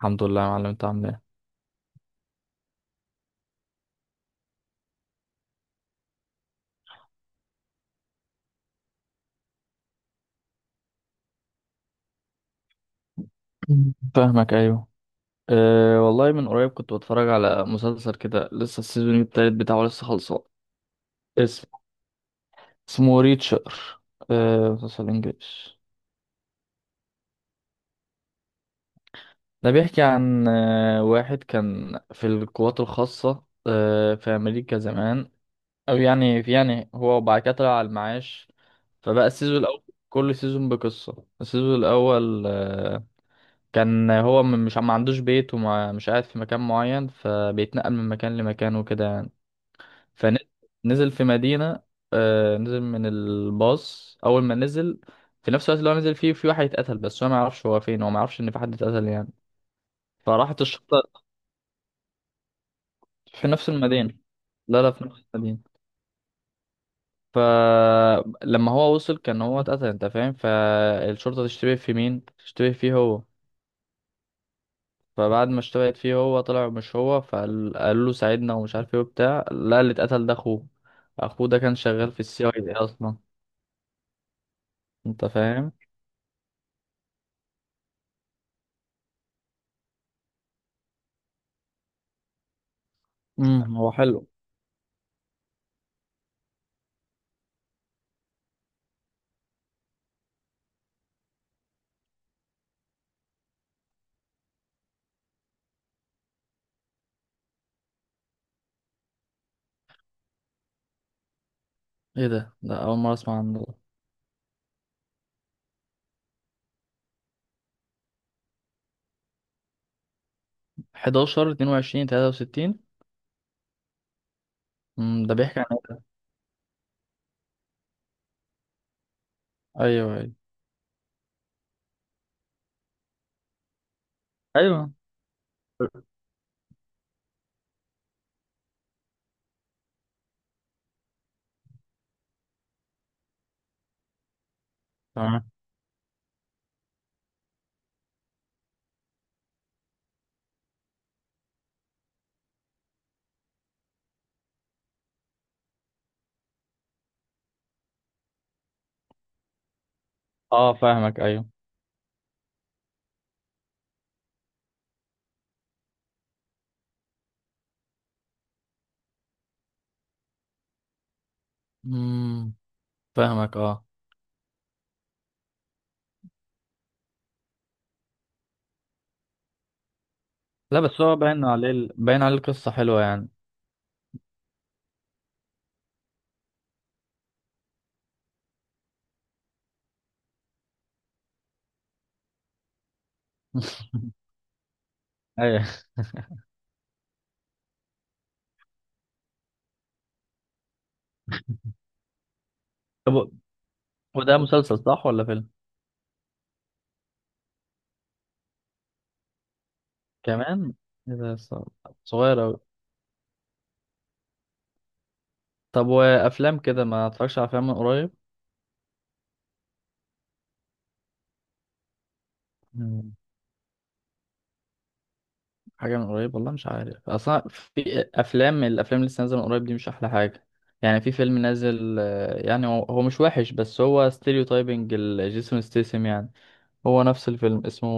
الحمد لله يا معلم، انت عامل ايه؟ مم. فاهمك، ايوه. أه والله، من قريب كنت بتفرج على مسلسل كده، لسه السيزون التالت بتاعه لسه خلصان. اسم اسمه ريتشر. أه، مسلسل انجليش. ده بيحكي عن واحد كان في القوات الخاصة في امريكا زمان، او يعني في يعني، هو وبعد كده طلع على المعاش. فبقى السيزون الاول، كل سيزون بقصة. السيزون الاول كان هو مش، ما عندوش بيت ومش قاعد في مكان معين، فبيتنقل من مكان لمكان وكده يعني. فنزل في مدينة. نزل من الباص، أول ما نزل في نفس الوقت اللي هو نزل فيه، في واحد اتقتل، بس هو ما يعرفش هو فين، هو ما يعرفش إن في حد اتقتل يعني. فراحت الشرطة. في نفس المدينة. لا لا، في نفس المدينة. فلما هو وصل، كان هو اتقتل، انت فاهم. فالشرطة تشتبه في مين؟ تشتبه فيه هو. فبعد ما اشتبهت فيه، هو طلع مش هو، فقال، قال له ساعدنا ومش عارف ايه وبتاع، لا، اللي اتقتل ده اخوه. اخوه ده كان شغال في السي اي دي اصلا. انت فاهم. هو حلو. ايه ده؟ ده اول مره اسمع عنه ده. 11 22 63. ده بيحكي عن إيه؟ ايوه، ايوه، ايوه. تمام. اه، فاهمك، ايوه. امم، فاهمك، اه. لا بس هو باين عليه باين عليه القصه حلوه يعني. ايوه. طب، وده مسلسل صح ولا فيلم؟ كمان، ايه ده؟ صغير اوي. طب، وافلام كده ما اتفرجش على افلام من قريب. مم. حاجه من قريب والله، مش عارف اصلا في افلام، الافلام اللي لسه نازله من قريب دي مش احلى حاجه. يعني في فيلم نازل، يعني هو مش وحش، بس هو ستيريو تايبنج، جيسون ستيسم يعني. هو نفس الفيلم اسمه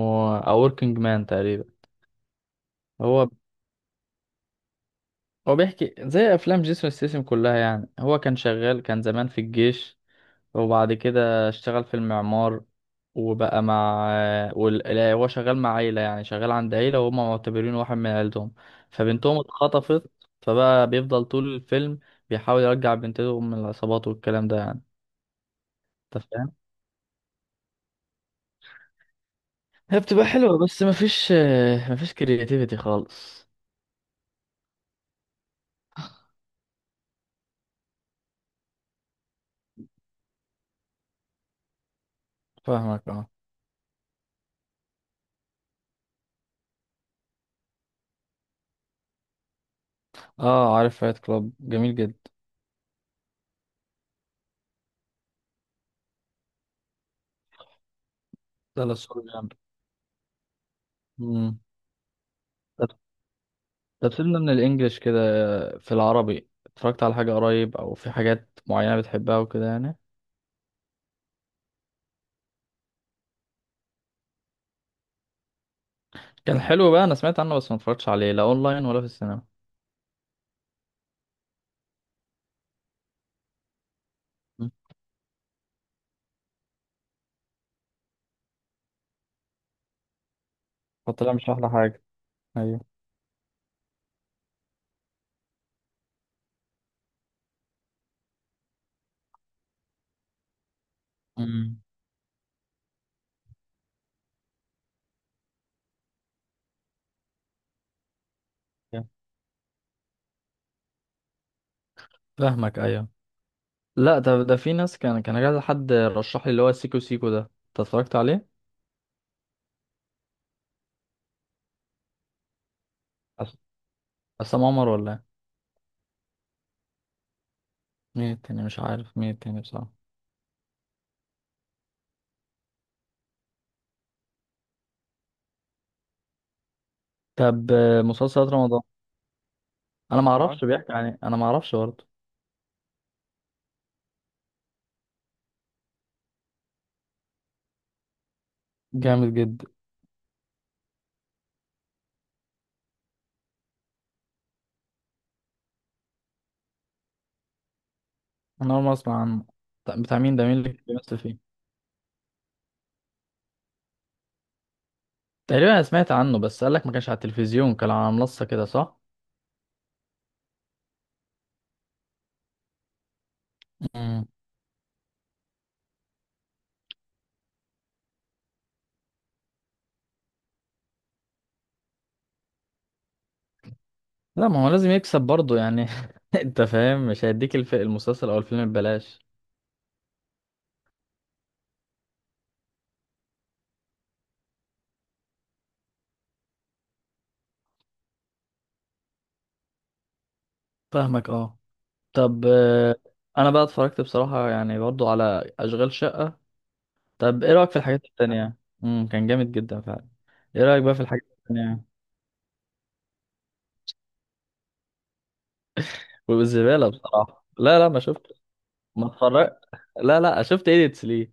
A Working Man تقريبا. هو هو بيحكي زي افلام جيسون ستيسم كلها يعني. هو كان شغال، كان زمان في الجيش، وبعد كده اشتغل في المعمار. وبقى مع لا، هو شغال مع عيلة، يعني شغال عند عيلة وهم معتبرينه واحد من عيلتهم. فبنتهم اتخطفت، فبقى بيفضل طول الفيلم بيحاول يرجع بنتهم من العصابات والكلام ده يعني. انت فاهم. هي بتبقى حلوة، بس مفيش كرياتيفيتي خالص. فاهمك، اه. اه، عارف فايت كلاب، جميل جدا. ده لا، صور جامد. امم. طب، سيبنا من الانجليش كده. في العربي اتفرجت على حاجة قريب، او في حاجات معينة بتحبها وكده يعني؟ كان حلو بقى، انا سمعت عنه بس ما اتفرجتش عليه، لا اونلاين ولا في السينما. مم. فطلع مش احلى حاجة. ايوه، امم، فاهمك، ايوه. لا ده ده في ناس، كان كذا حد رشح لي اللي هو سيكو سيكو ده، انت اتفرجت عليه؟ أس- عصام عمر ولا إيه؟ مين التاني؟ مش عارف مين التاني بصراحة. طب، مسلسلات رمضان. انا ما اعرفش بيحكي عن ايه، انا ما اعرفش برضه. جامد جدا. انا اول مرة اسمع عنه. طب، بتاع مين ده؟ مين اللي بيمثل فيه؟ تقريبا انا سمعت عنه، بس قالك ما كانش على التلفزيون، كان على منصة كده، صح. مم. لا، ما هو لازم يكسب برضه يعني. انت فاهم، مش هيديك المسلسل او الفيلم ببلاش. فاهمك، اه. طب، انا بقى اتفرجت بصراحة يعني برضه على اشغال شقة. طب، ايه رأيك في الحاجات التانية؟ كان جامد جدا فعلا. ايه رأيك بقى في الحاجات التانية؟ والزبالة بصراحة، لا لا، ما شفت. ما اتفرجت. لا لا، شفت ايديتس ليه.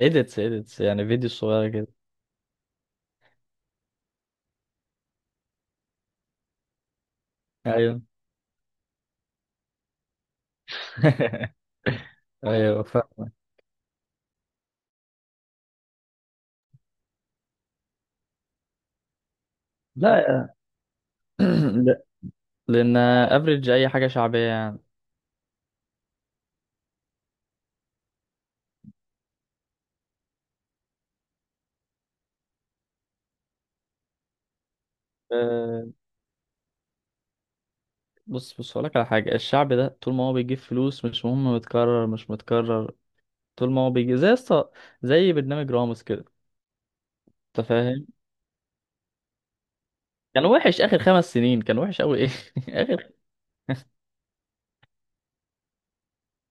ايديتس، ايديتس يعني فيديو صغيرة كده. ايوه. ايوه، فاهم. لا. لا، لان افريج اي حاجه شعبيه يعني. أه، بص بص هقولك على حاجه، الشعب ده طول ما هو بيجيب فلوس مش مهم متكرر مش متكرر، طول ما هو بيجي زي زي برنامج راموس كده. انت فاهم. كان وحش اخر 5 سنين، كان وحش قوي ايه. اخر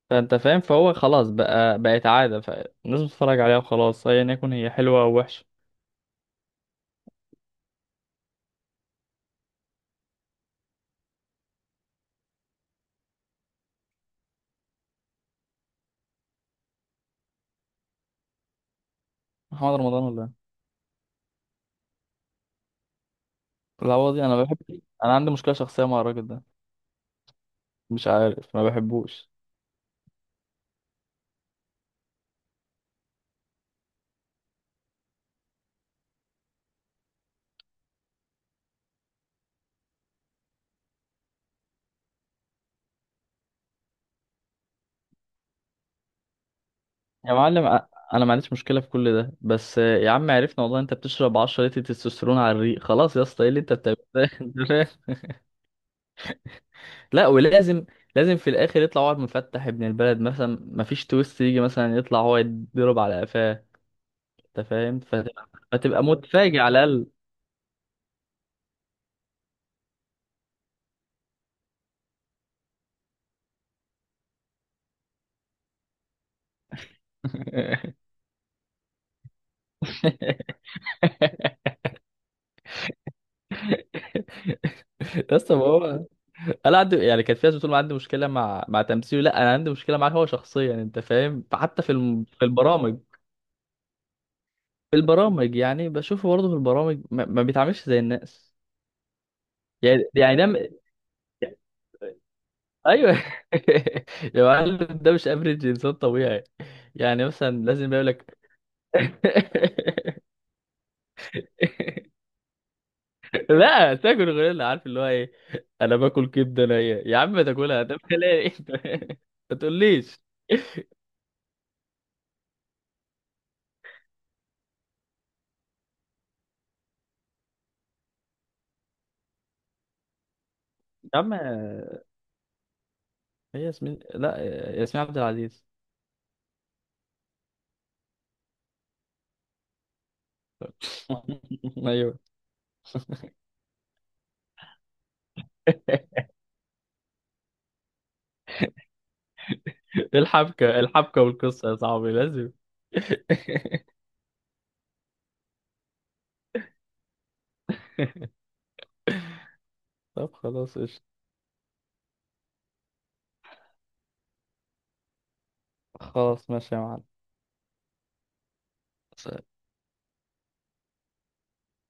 فانت فاهم، فهو خلاص بقى بقت عاده، فالناس بتتفرج عليها وخلاص، ايا يكن هي حلوه او وحشه. محمد رمضان ولا إيه؟ لا والله، انا بحب. انا عندي مشكله شخصيه مع الراجل ده. مش عارف، ما بحبوش. يا معلم، انا ما عنديش مشكله في كل ده، بس يا عم عرفنا والله، انت بتشرب 10 لتر تستوستيرون على الريق. خلاص يا اسطى، ايه اللي انت بتعمله ده؟ أنت فاهم؟ لا، ولازم لازم في الاخر يطلع واحد مفتح ابن البلد مثلا، ما فيش تويست، يجي مثلا يطلع هو يتضرب على قفاه. انت فاهم، فتبقى متفاجئ على الاقل. يا اسطى، ما هو انا عندي يعني، كانت في ناس بتقول ما عندي مشكله مع تمثيله، لا انا عندي مشكله معاه هو شخصيا. انت فاهم، حتى في البرامج. في البرامج يعني بشوفه برضه في البرامج ما بيتعاملش زي الناس. يعني، ايوه. يا معلم، ده مش افريج انسان طبيعي. يعني مثلا لازم يقول لك. لا، تاكل غوريلا عارف اللي هو ايه. انا باكل كبده نيه يا عم، ما تاكلها ده بلاقي. ما تقوليش. يا عم، هي ياسمين، لا، ياسمين عبد العزيز. ايوه. الحبكه، الحبكه والقصه يا صاحبي لازم. طب، خلاص، قشطة. خلاص، ماشي يا معلم.